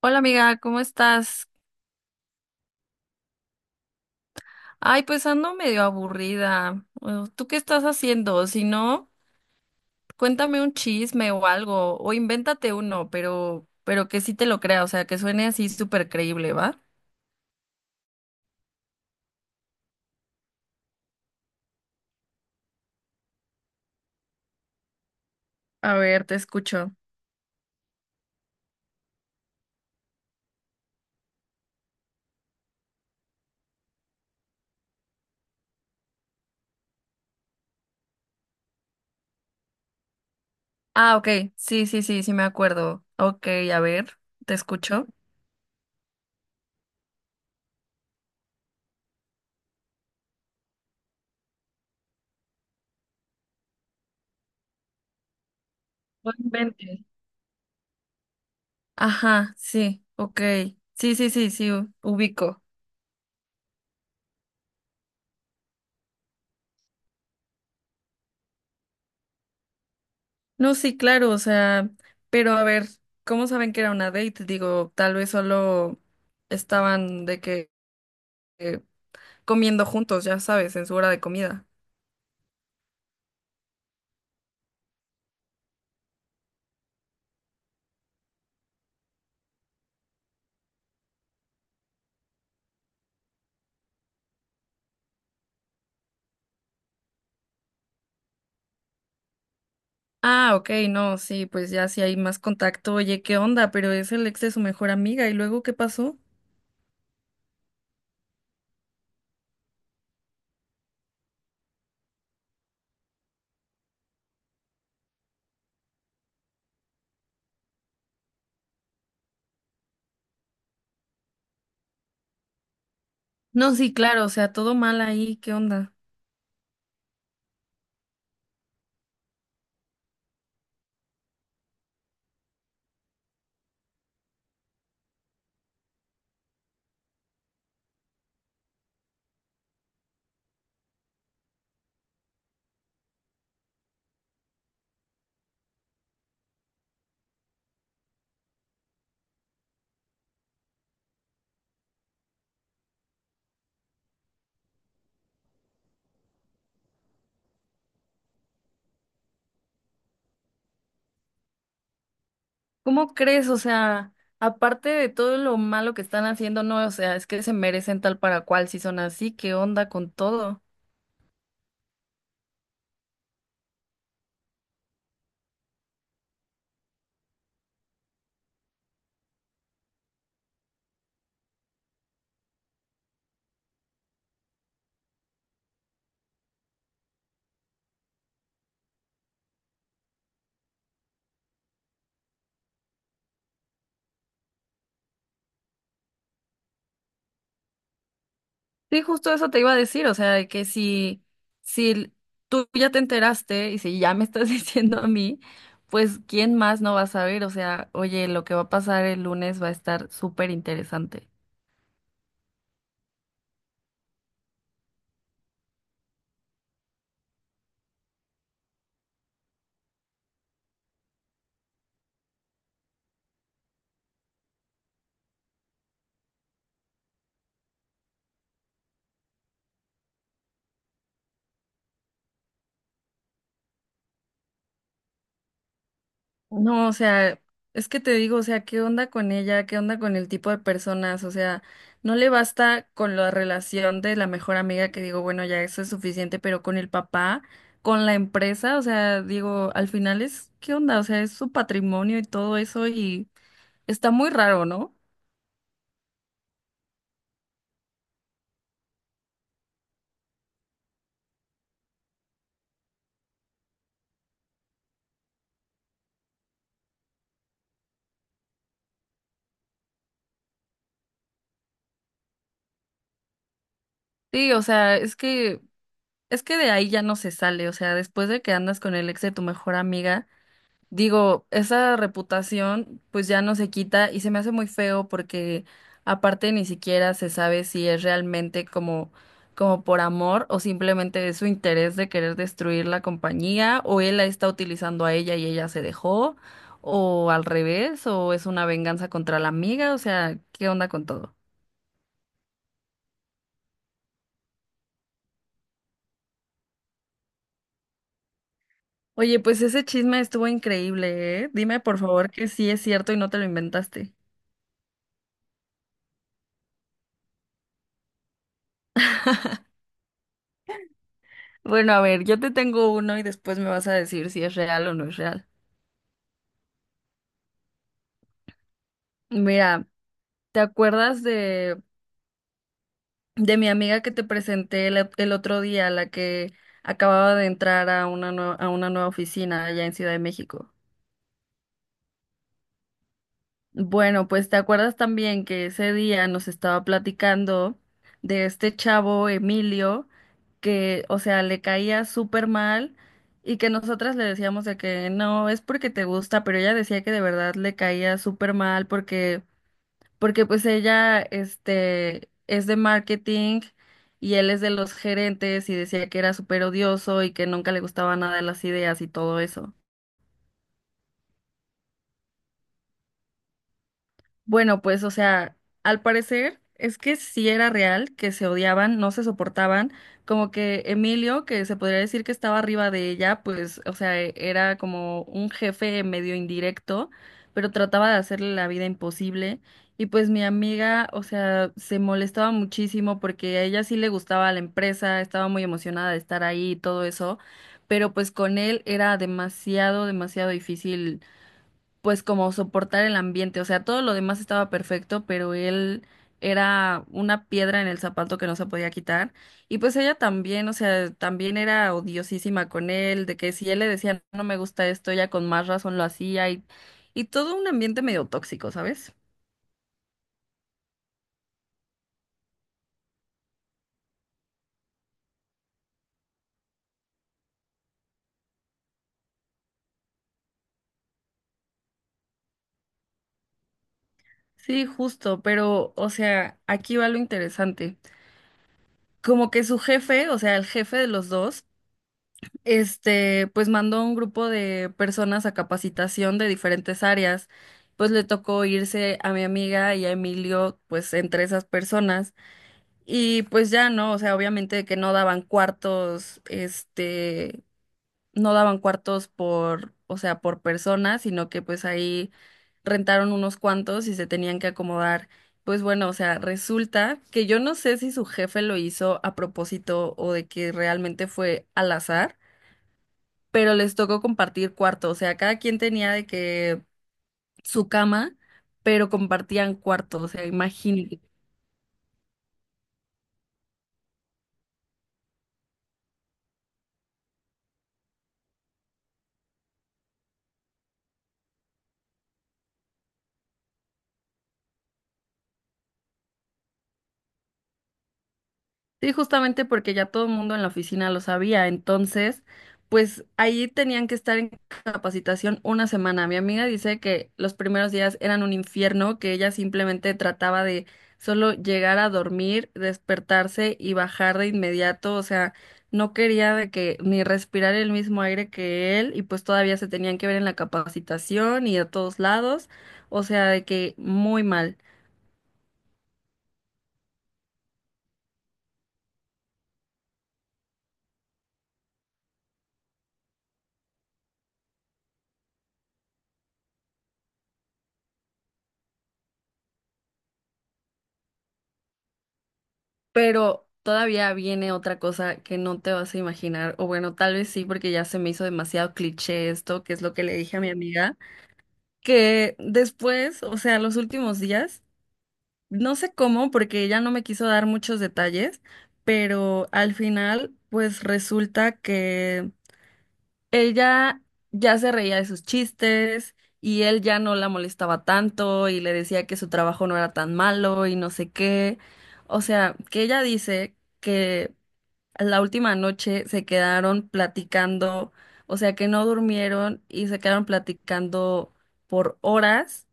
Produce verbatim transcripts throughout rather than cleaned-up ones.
Hola amiga, ¿cómo estás? Ay, pues ando medio aburrida. Eh, ¿Tú qué estás haciendo? Si no, cuéntame un chisme o algo, o invéntate uno, pero, pero que sí te lo crea, o sea, que suene así súper creíble, ¿va? A ver, te escucho. Ah, ok, sí, sí, sí, sí me acuerdo. Ok, a ver, te escucho. No inventes. Ajá, sí, ok. Sí, sí, sí, sí, u- ubico. No, sí, claro, o sea, pero a ver, ¿cómo saben que era una date? Digo, tal vez solo estaban de que eh, comiendo juntos, ya sabes, en su hora de comida. Ah, ok, no, sí, pues ya si hay más contacto, oye, ¿qué onda? Pero es el ex de su mejor amiga, ¿y luego qué pasó? No, sí, claro, o sea, todo mal ahí, ¿qué onda? ¿Cómo crees? O sea, aparte de todo lo malo que están haciendo, no, o sea, es que se merecen tal para cual si son así, ¿qué onda con todo? Sí, justo eso te iba a decir, o sea, que si, si tú ya te enteraste y si ya me estás diciendo a mí, pues ¿quién más no va a saber? O sea, oye, lo que va a pasar el lunes va a estar súper interesante. No, o sea, es que te digo, o sea, ¿qué onda con ella? ¿Qué onda con el tipo de personas? O sea, no le basta con la relación de la mejor amiga que digo, bueno, ya eso es suficiente, pero con el papá, con la empresa, o sea, digo, al final es, ¿qué onda? O sea, es su patrimonio y todo eso y... Está muy raro, ¿no? Sí, o sea, es que, es que de ahí ya no se sale, o sea, después de que andas con el ex de tu mejor amiga, digo, esa reputación pues ya no se quita y se me hace muy feo porque aparte ni siquiera se sabe si es realmente como, como por amor o simplemente es su interés de querer destruir la compañía o él la está utilizando a ella y ella se dejó o al revés o es una venganza contra la amiga, o sea, ¿qué onda con todo? Oye, pues ese chisme estuvo increíble, ¿eh? Dime por favor que sí es cierto y no te lo inventaste. Bueno, a ver, yo te tengo uno y después me vas a decir si es real o no es real. Mira, ¿te acuerdas de, de mi amiga que te presenté el, el otro día, la que acababa de entrar a una, nue- a una nueva oficina allá en Ciudad de México? Bueno, pues te acuerdas también que ese día nos estaba platicando de este chavo Emilio que, o sea, le caía súper mal y que nosotras le decíamos de que no, es porque te gusta, pero ella decía que de verdad le caía súper mal porque, porque pues ella, este, es de marketing y él es de los gerentes y decía que era súper odioso y que nunca le gustaban nada las ideas y todo eso. Bueno, pues, o sea, al parecer es que sí era real, que se odiaban, no se soportaban, como que Emilio, que se podría decir que estaba arriba de ella, pues, o sea, e- era como un jefe medio indirecto, pero trataba de hacerle la vida imposible. Y pues mi amiga, o sea, se molestaba muchísimo porque a ella sí le gustaba la empresa, estaba muy emocionada de estar ahí y todo eso, pero pues con él era demasiado, demasiado difícil pues como soportar el ambiente, o sea, todo lo demás estaba perfecto, pero él era una piedra en el zapato que no se podía quitar. Y pues ella también, o sea, también era odiosísima con él, de que si él le decía no me gusta esto, ella con más razón lo hacía y, y todo un ambiente medio tóxico, ¿sabes? Sí, justo, pero, o sea, aquí va lo interesante. Como que su jefe, o sea, el jefe de los dos, este, pues mandó a un grupo de personas a capacitación de diferentes áreas. Pues le tocó irse a mi amiga y a Emilio, pues entre esas personas. Y pues ya no, o sea, obviamente que no daban cuartos, este, no daban cuartos por, o sea, por persona, sino que pues ahí rentaron unos cuantos y se tenían que acomodar. Pues bueno, o sea, resulta que yo no sé si su jefe lo hizo a propósito o de que realmente fue al azar pero les tocó compartir cuarto, o sea, cada quien tenía de que su cama, pero compartían cuarto, o sea, imagínate. Sí, justamente porque ya todo el mundo en la oficina lo sabía, entonces, pues ahí tenían que estar en capacitación una semana. Mi amiga dice que los primeros días eran un infierno, que ella simplemente trataba de solo llegar a dormir, despertarse y bajar de inmediato, o sea, no quería de que ni respirar el mismo aire que él y pues todavía se tenían que ver en la capacitación y a todos lados, o sea, de que muy mal. Pero todavía viene otra cosa que no te vas a imaginar, o bueno, tal vez sí, porque ya se me hizo demasiado cliché esto, que es lo que le dije a mi amiga, que después, o sea, los últimos días, no sé cómo, porque ella no me quiso dar muchos detalles, pero al final, pues resulta que ella ya se reía de sus chistes. Y él ya no la molestaba tanto y le decía que su trabajo no era tan malo y no sé qué. O sea, que ella dice que la última noche se quedaron platicando, o sea que no durmieron y se quedaron platicando por horas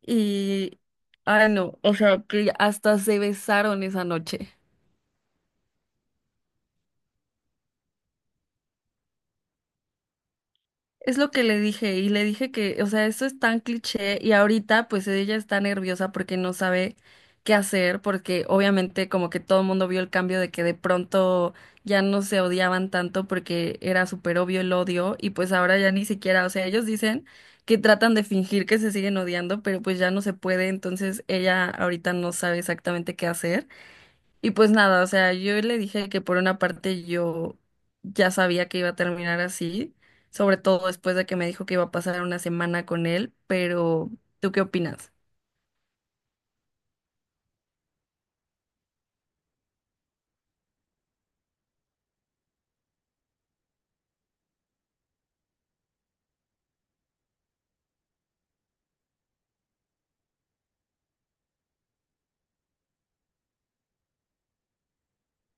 y, ay no, o sea que hasta se besaron esa noche. Es lo que le dije y le dije que, o sea, eso es tan cliché y ahorita pues ella está nerviosa porque no sabe qué hacer, porque obviamente como que todo el mundo vio el cambio de que de pronto ya no se odiaban tanto porque era súper obvio el odio y pues ahora ya ni siquiera, o sea, ellos dicen que tratan de fingir que se siguen odiando, pero pues ya no se puede, entonces ella ahorita no sabe exactamente qué hacer. Y pues nada, o sea, yo le dije que por una parte yo ya sabía que iba a terminar así, sobre todo después de que me dijo que iba a pasar una semana con él, pero ¿tú qué opinas?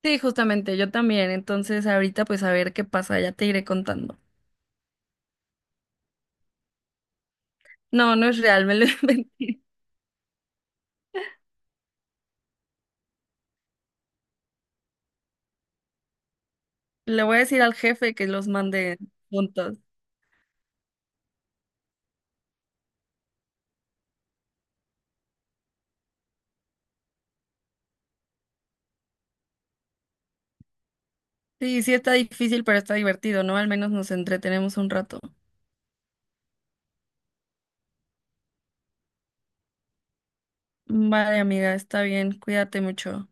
Sí, justamente, yo también, entonces ahorita pues a ver qué pasa, ya te iré contando. No, no es real, me lo inventé. Le voy a decir al jefe que los mande juntos. Sí, sí está difícil, pero está divertido, ¿no? Al menos nos entretenemos un rato. Vale, amiga, está bien, cuídate mucho.